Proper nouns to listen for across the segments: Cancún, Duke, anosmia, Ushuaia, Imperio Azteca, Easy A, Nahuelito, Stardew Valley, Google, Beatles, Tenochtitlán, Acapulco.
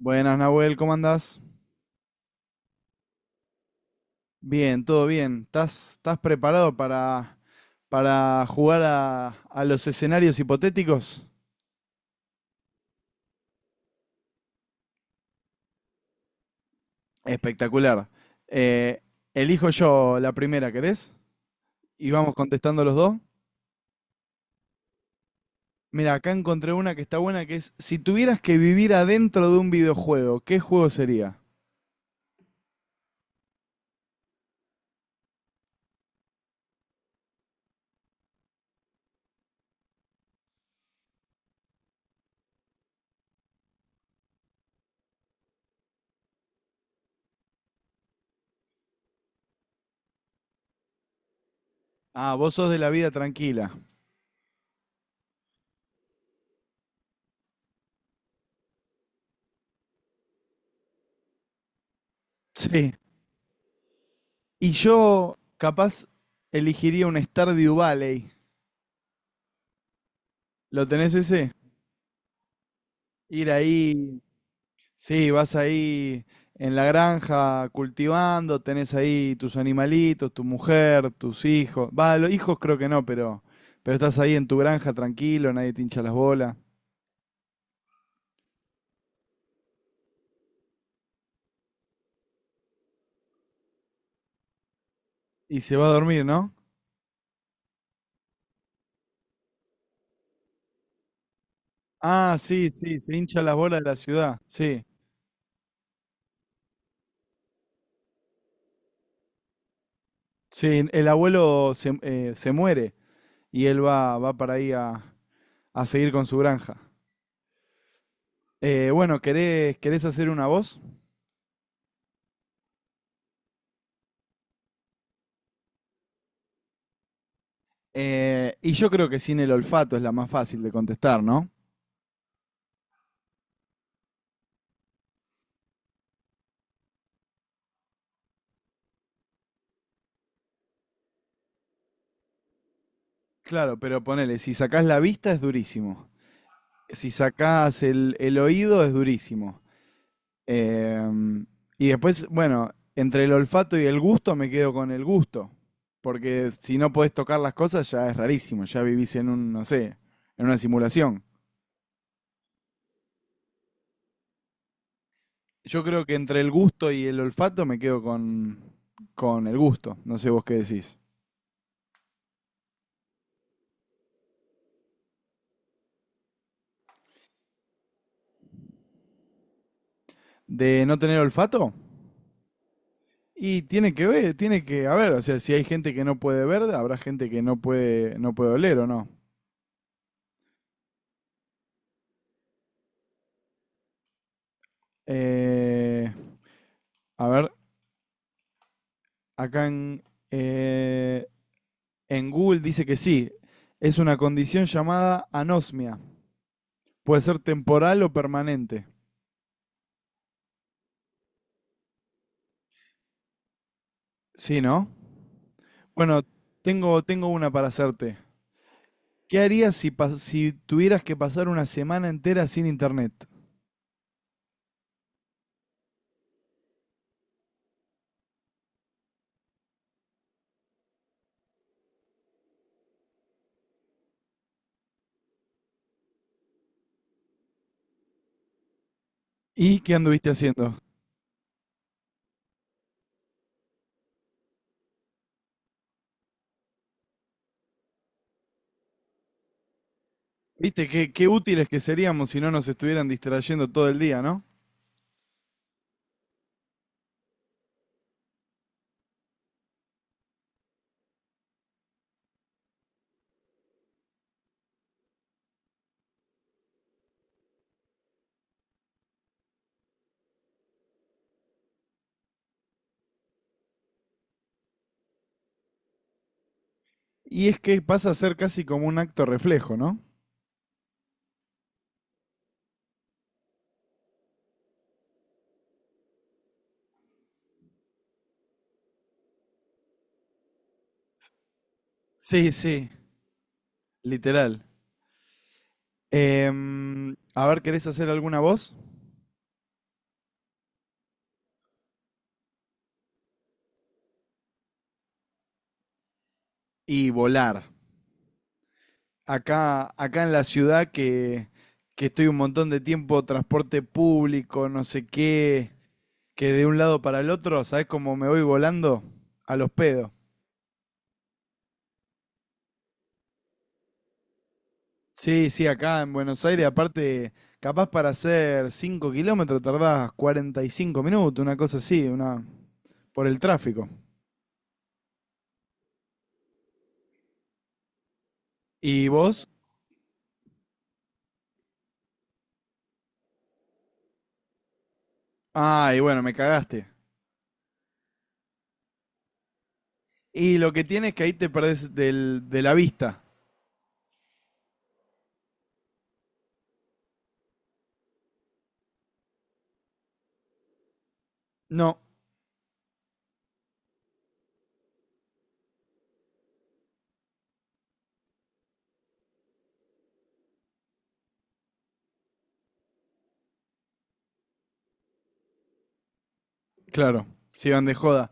Buenas, Nahuel, ¿cómo andás? Bien, todo bien. ¿Estás preparado para jugar a los escenarios hipotéticos? Espectacular. Eh, elijo yo la primera, ¿querés? Y vamos contestando los dos. Mira, acá encontré una que está buena, que es, si tuvieras que vivir adentro de un videojuego, ¿qué juego sería? Ah, vos sos de la vida tranquila. Sí. Y yo, capaz, elegiría un Stardew Valley. ¿Lo tenés ese? Ir ahí. Sí, vas ahí en la granja cultivando, tenés ahí tus animalitos, tu mujer, tus hijos. Va, los hijos creo que no, pero estás ahí en tu granja tranquilo, nadie te hincha las bolas. Y se va a dormir, ¿no? Ah, sí, sí, se hincha las bolas de la ciudad. Sí, sí, el abuelo se, se muere y él va, va para ahí a seguir con su granja. Bueno, ¿querés hacer una voz? Y yo creo que sin el olfato es la más fácil de contestar, ¿no? Claro, pero ponele, si sacás la vista es durísimo. Si sacás el oído es durísimo. Em, y después, bueno, entre el olfato y el gusto me quedo con el gusto. Porque si no podés tocar las cosas ya es rarísimo, ya vivís en un, no sé, en una simulación. Yo creo que entre el gusto y el olfato me quedo con el gusto. No sé vos qué decís. ¿De no tener olfato? Y tiene que ver, tiene que haber, o sea, si hay gente que no puede ver, habrá gente que no puede, no puede oler o no. Eh, a ver, acá eh, en Google dice que sí, es una condición llamada anosmia. Puede ser temporal o permanente. Sí, ¿no? Bueno, tengo, tengo una para hacerte. ¿Qué harías si, si tuvieras que pasar una semana entera sin internet? ¿Y qué anduviste haciendo? Viste, qué, qué útiles que seríamos si no nos estuvieran distrayendo todo el día, ¿no? Y es que pasa a ser casi como un acto reflejo, ¿no? Sí, sí. Literal. A ver, ¿querés hacer alguna voz? Y volar. Acá en la ciudad que estoy un montón de tiempo, transporte público, no sé qué, que de un lado para el otro, ¿sabés cómo me voy volando? A los pedos. Sí, sí, acá en Buenos Aires, aparte, capaz para hacer 5 km tardás 45 minutos, una cosa así, una, por el tráfico. ¿Y vos? Ay, bueno, me cagaste. Y lo que tiene es que ahí te perdés del, de la vista. No, claro, si iban de joda.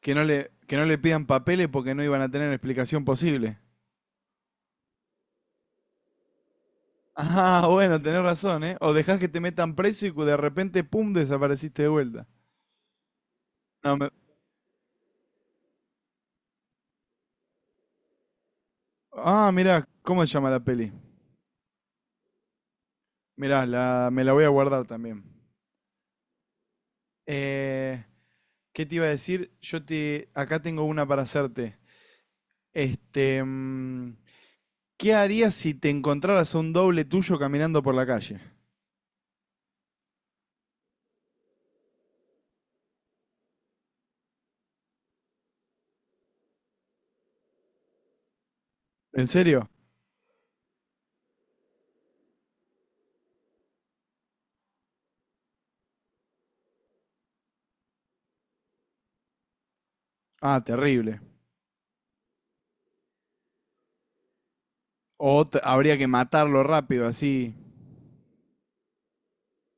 Que no le pidan papeles porque no iban a tener explicación posible. Ah, bueno, tenés razón, ¿eh? O dejás que te metan preso y de repente, pum, desapareciste de vuelta. No, me- Ah, mirá, ¿cómo se llama la peli? Mirá, la... me la voy a guardar también. Eh, ¿Qué te iba a decir? Yo te... Acá tengo una para hacerte. Este... ¿Qué harías si te encontraras a un doble tuyo caminando por la calle? ¿En serio? Ah, terrible. Habría que matarlo rápido, así.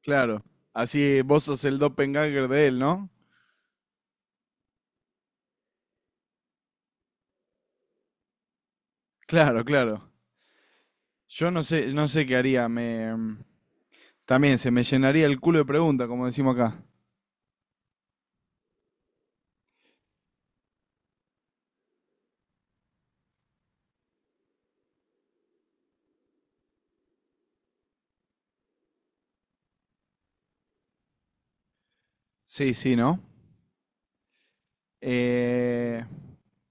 Claro. Así vos sos el doppelganger de él, ¿no? Claro, claro. Yo no sé, no sé qué haría. También se me llenaría el culo de preguntas, como decimos acá. Sí, sí, ¿no? Eh,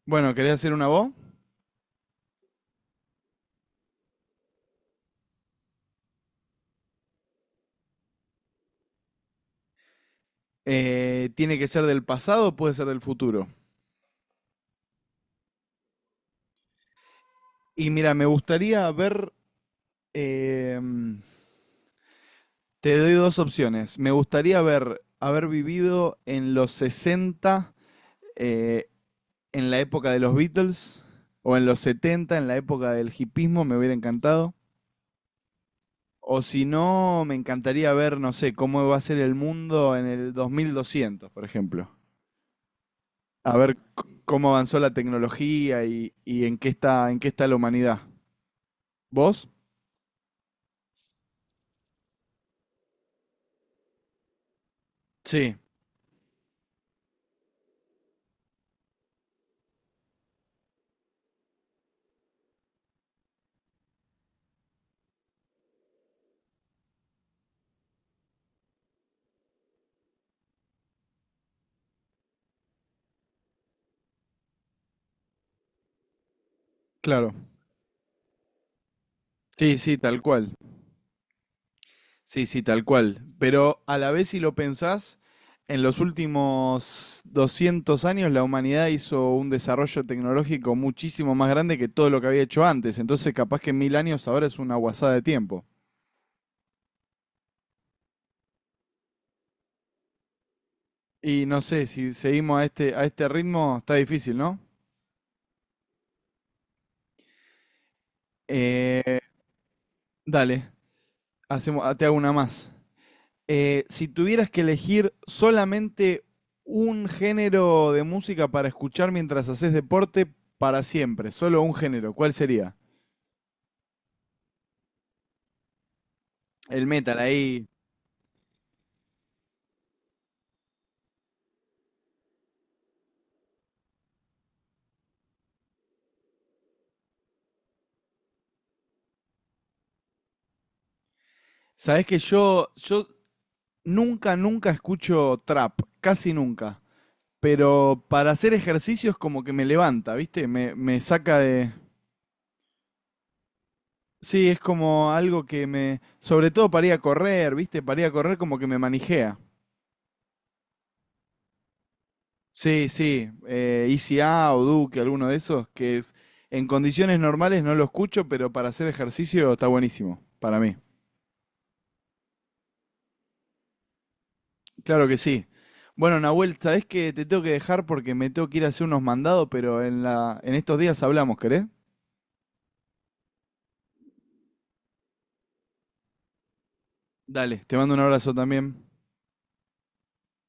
bueno, ¿querés hacer una voz? ¿Tiene que ser del pasado o puede ser del futuro? Y mira, me gustaría ver em, te doy dos opciones. Me gustaría haber, haber vivido en los 60, eh, en la época de los Beatles, o en los 70, en la época del hipismo, me hubiera encantado. O si no, me encantaría ver, no sé, cómo va a ser el mundo en el 2200, por ejemplo. A ver cómo avanzó la tecnología y en qué está la humanidad. ¿Vos? Sí, claro. Sí, sí, tal cual. Sí, sí, tal cual. Pero a la vez, si lo pensás, en los últimos 200 años la humanidad hizo un desarrollo tecnológico muchísimo más grande que todo lo que había hecho antes. Entonces, capaz que en 1000 años ahora es una guasada de tiempo. Y no sé, si seguimos a este ritmo, está difícil, ¿no? Eh, dale, hacemos, ah, te hago una más. Si tuvieras que elegir solamente un género de música para escuchar mientras haces deporte para siempre, solo un género, ¿cuál sería? El metal ahí. Sabés que yo nunca, nunca escucho trap, casi nunca. Pero para hacer ejercicios como que me levanta, ¿viste? Me saca de... Sí, es como algo que me... Sobre todo para ir a correr, ¿viste? Para ir a correr como que me manijea. Sí, sí. Easy A o Duke, alguno de esos, en condiciones normales no lo escucho, pero para hacer ejercicio está buenísimo, para mí. Claro que sí. Bueno, Nahuel, sabés que te tengo que dejar porque me tengo que ir a hacer unos mandados, pero en la, en estos días hablamos, ¿querés? Dale, te mando un abrazo también.